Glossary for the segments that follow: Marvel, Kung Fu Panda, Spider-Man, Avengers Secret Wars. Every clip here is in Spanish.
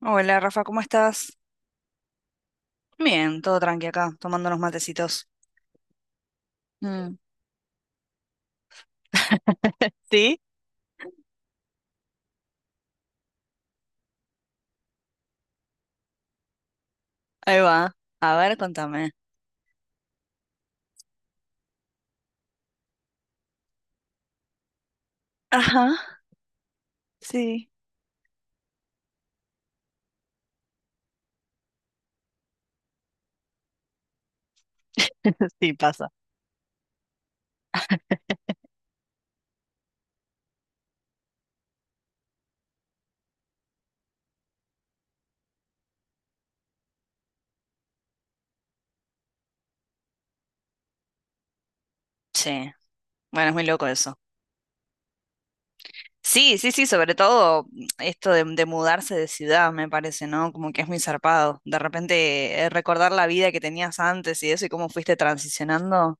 Hola Rafa, ¿cómo estás? Bien, todo tranqui acá, tomando unos matecitos. Mm. Sí, ahí va. A ver, contame. Ajá, sí, sí pasa. Sí, bueno, es muy loco eso. Sí, sí, sí, sobre todo esto de mudarse de ciudad, me parece, ¿no? Como que es muy zarpado. De repente recordar la vida que tenías antes y eso y cómo fuiste transicionando,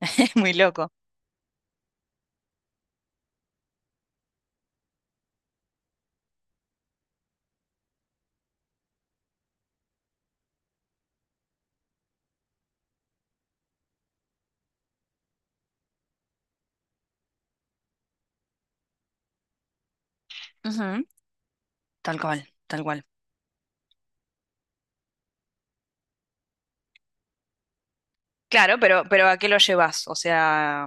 es muy loco. Ujú. Tal cual, tal cual. Claro, pero ¿a qué lo llevas? O sea,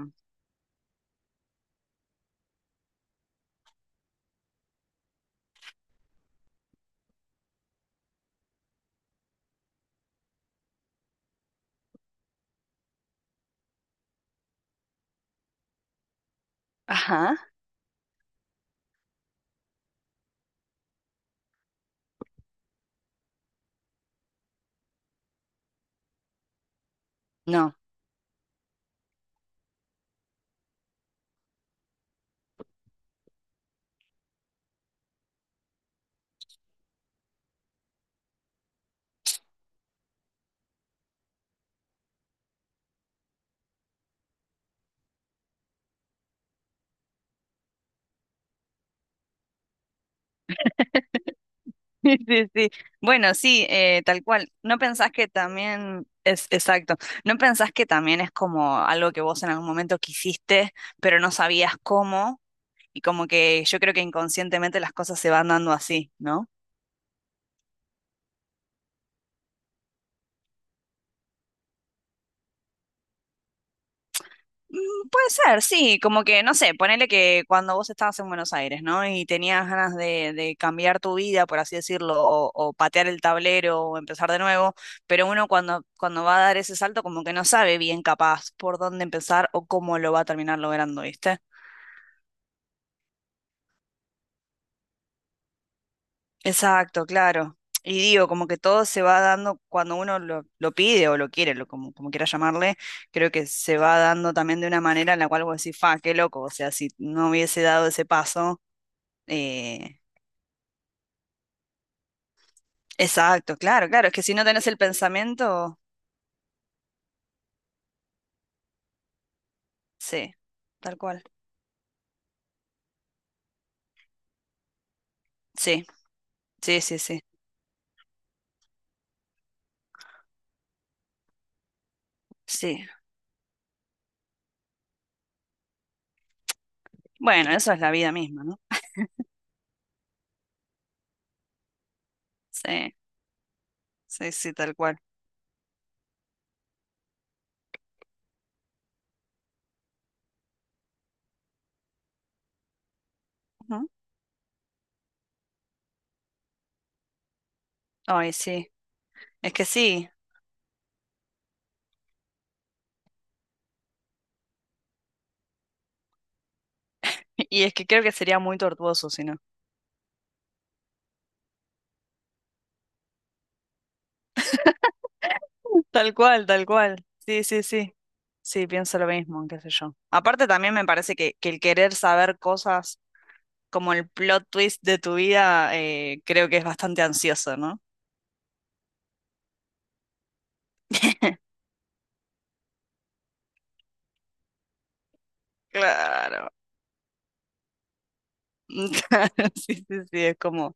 ajá, no. Sí, sí, sí. Bueno, sí, tal cual. ¿No pensás que también es exacto? ¿No pensás que también es como algo que vos en algún momento quisiste, pero no sabías cómo? Y como que yo creo que inconscientemente las cosas se van dando así, ¿no? Mm. Puede ser, sí, como que, no sé, ponele que cuando vos estabas en Buenos Aires, ¿no? Y tenías ganas de cambiar tu vida, por así decirlo, o patear el tablero o empezar de nuevo, pero uno cuando, cuando va a dar ese salto como que no sabe bien capaz por dónde empezar o cómo lo va a terminar logrando, ¿viste? Exacto, claro. Y digo, como que todo se va dando cuando uno lo pide o lo quiere, lo, como, como quiera llamarle, creo que se va dando también de una manera en la cual vos decís, fa, qué loco, o sea, si no hubiese dado ese paso. Eh, exacto, claro, claro. Es que si no tenés el pensamiento, sí, tal cual. Sí, sí, sí, sí, sí. Bueno, eso es la vida misma, ¿no? Sí, sí, sí, tal cual. Ujú. Ay, sí. Es que sí. Y es que creo que sería muy tortuoso si no. Tal cual, tal cual. Sí, sí, sí. Sí, pienso lo mismo, qué sé yo. Aparte también me parece que el querer saber cosas como el plot twist de tu vida, creo que es bastante ansioso, ¿no? Claro. Sí, sí, sí, es como,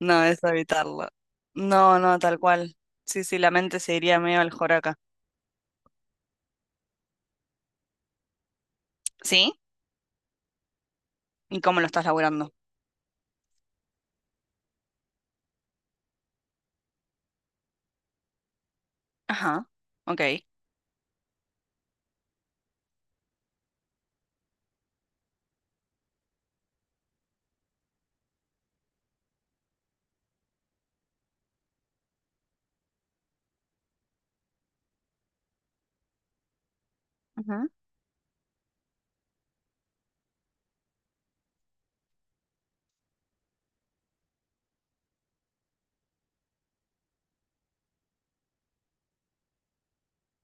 no, es evitarlo. No, no, tal cual. Sí, sí, la mente se iría medio al joraca. ¿Sí? ¿Y cómo lo estás laburando? Ajá, ok. Ujú.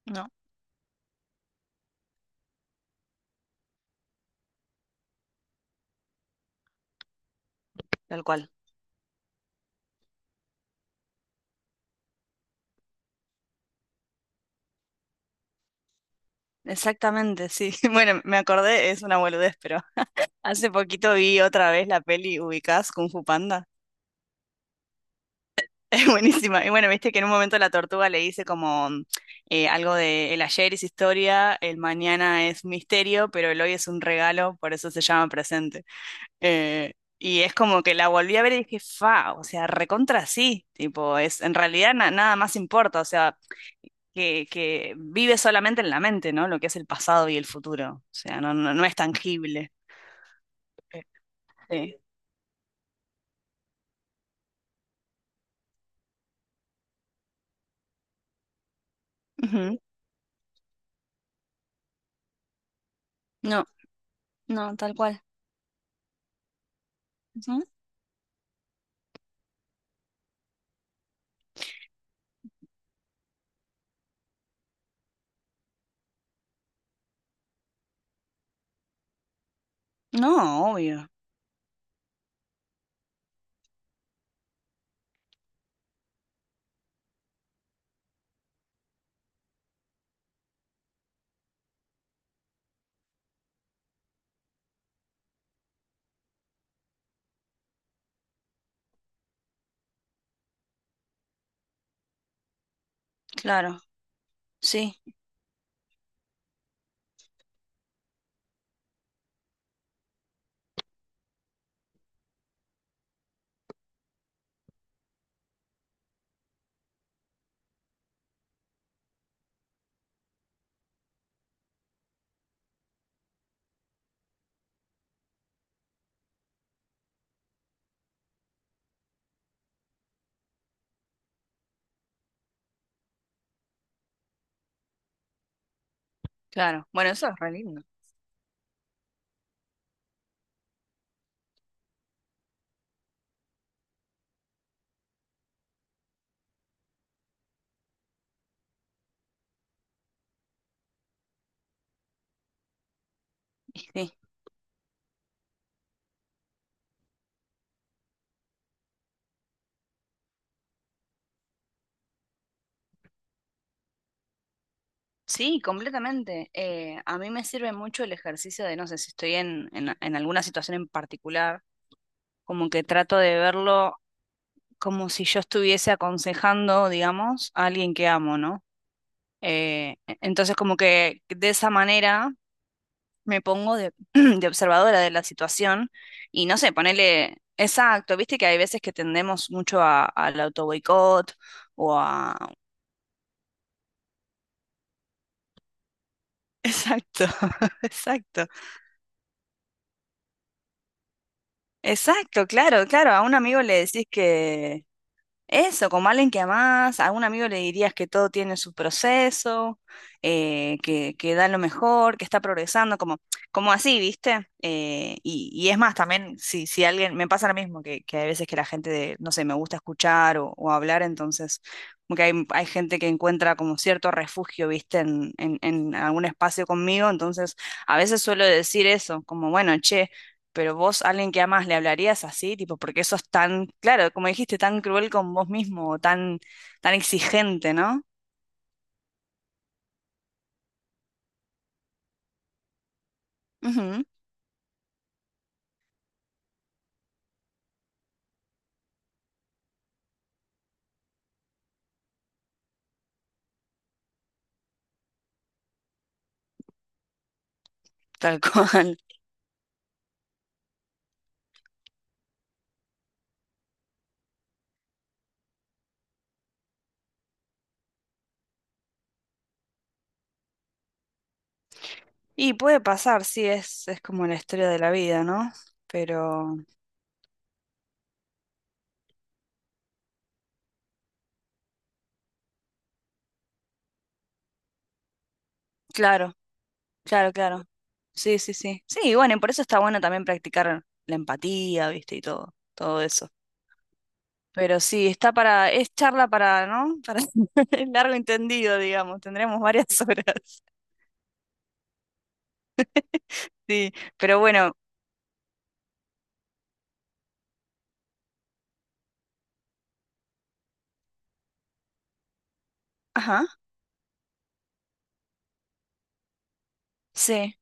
No, tal cual. Exactamente, sí. Bueno, me acordé, es una boludez, pero hace poquito vi otra vez la peli ubicás Kung Fu Panda. Es buenísima. Y bueno, viste que en un momento la tortuga le dice como algo de el ayer es historia, el mañana es misterio, pero el hoy es un regalo, por eso se llama presente. Eh, y es como que la volví a ver y dije, fa, o sea, recontra sí, tipo, es, en realidad nada más importa, o sea, que vive solamente en la mente, ¿no? Lo que es el pasado y el futuro, o sea, no, no, no es tangible. Eh, Sí. Ujú. No, no, tal cual. Ujú. No, obvio, claro, sí, claro. Bueno, eso es re lindo. Sí, sí, completamente. A mí me sirve mucho el ejercicio de, no sé, si estoy en alguna situación en particular, como que trato de verlo, como si yo estuviese aconsejando, digamos, a alguien que amo, ¿no? Entonces, como que de esa manera me pongo de, de observadora de la situación y no sé, ponerle exacto, viste que hay veces que tendemos mucho al auto boicot o a... Exacto, exacto, exacto, claro, claro, a un amigo le decís que eso, como alguien que amás, a algún amigo le dirías que todo tiene su proceso, que da lo mejor, que está progresando, como, como así, ¿viste? Y, y es más, también, si, si alguien, me pasa lo mismo, que hay veces que la gente, no sé, me gusta escuchar o hablar, entonces, como que hay gente que encuentra como cierto refugio, ¿viste? En algún espacio conmigo, entonces, a veces suelo decir eso, como, bueno, che, pero vos, alguien que amas, le hablarías así, tipo, porque eso es tan, claro, como dijiste, tan cruel con vos mismo, tan, tan exigente, ¿no? Ujú, tal cual. Y puede pasar, sí, es como la historia de la vida, ¿no? Pero, claro, claro, claro. Sí, sí, sí. Sí, y bueno, y por eso está bueno también practicar la empatía, ¿viste? Y todo, todo eso. Pero sí, está para, es charla para, ¿no? Para el largo entendido, digamos. Tendremos varias horas. Sí, pero bueno, ajá. Sí.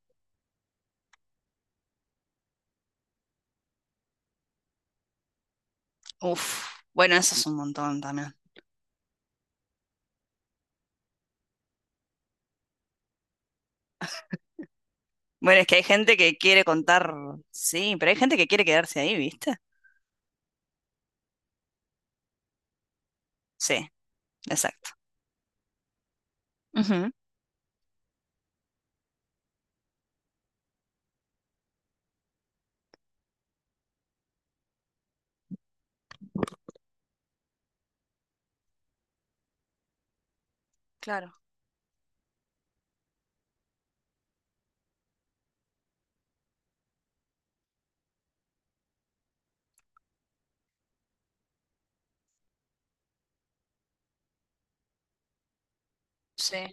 Uf, bueno, eso es un montón también. Bueno, es que hay gente que quiere contar, sí, pero hay gente que quiere quedarse ahí, ¿viste? Sí, exacto. Ujú, claro, sí.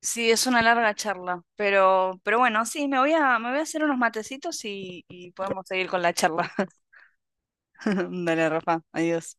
Sí, es una larga charla, pero bueno, sí, me voy a hacer unos matecitos y podemos seguir con la charla. Dale, Rafa, adiós.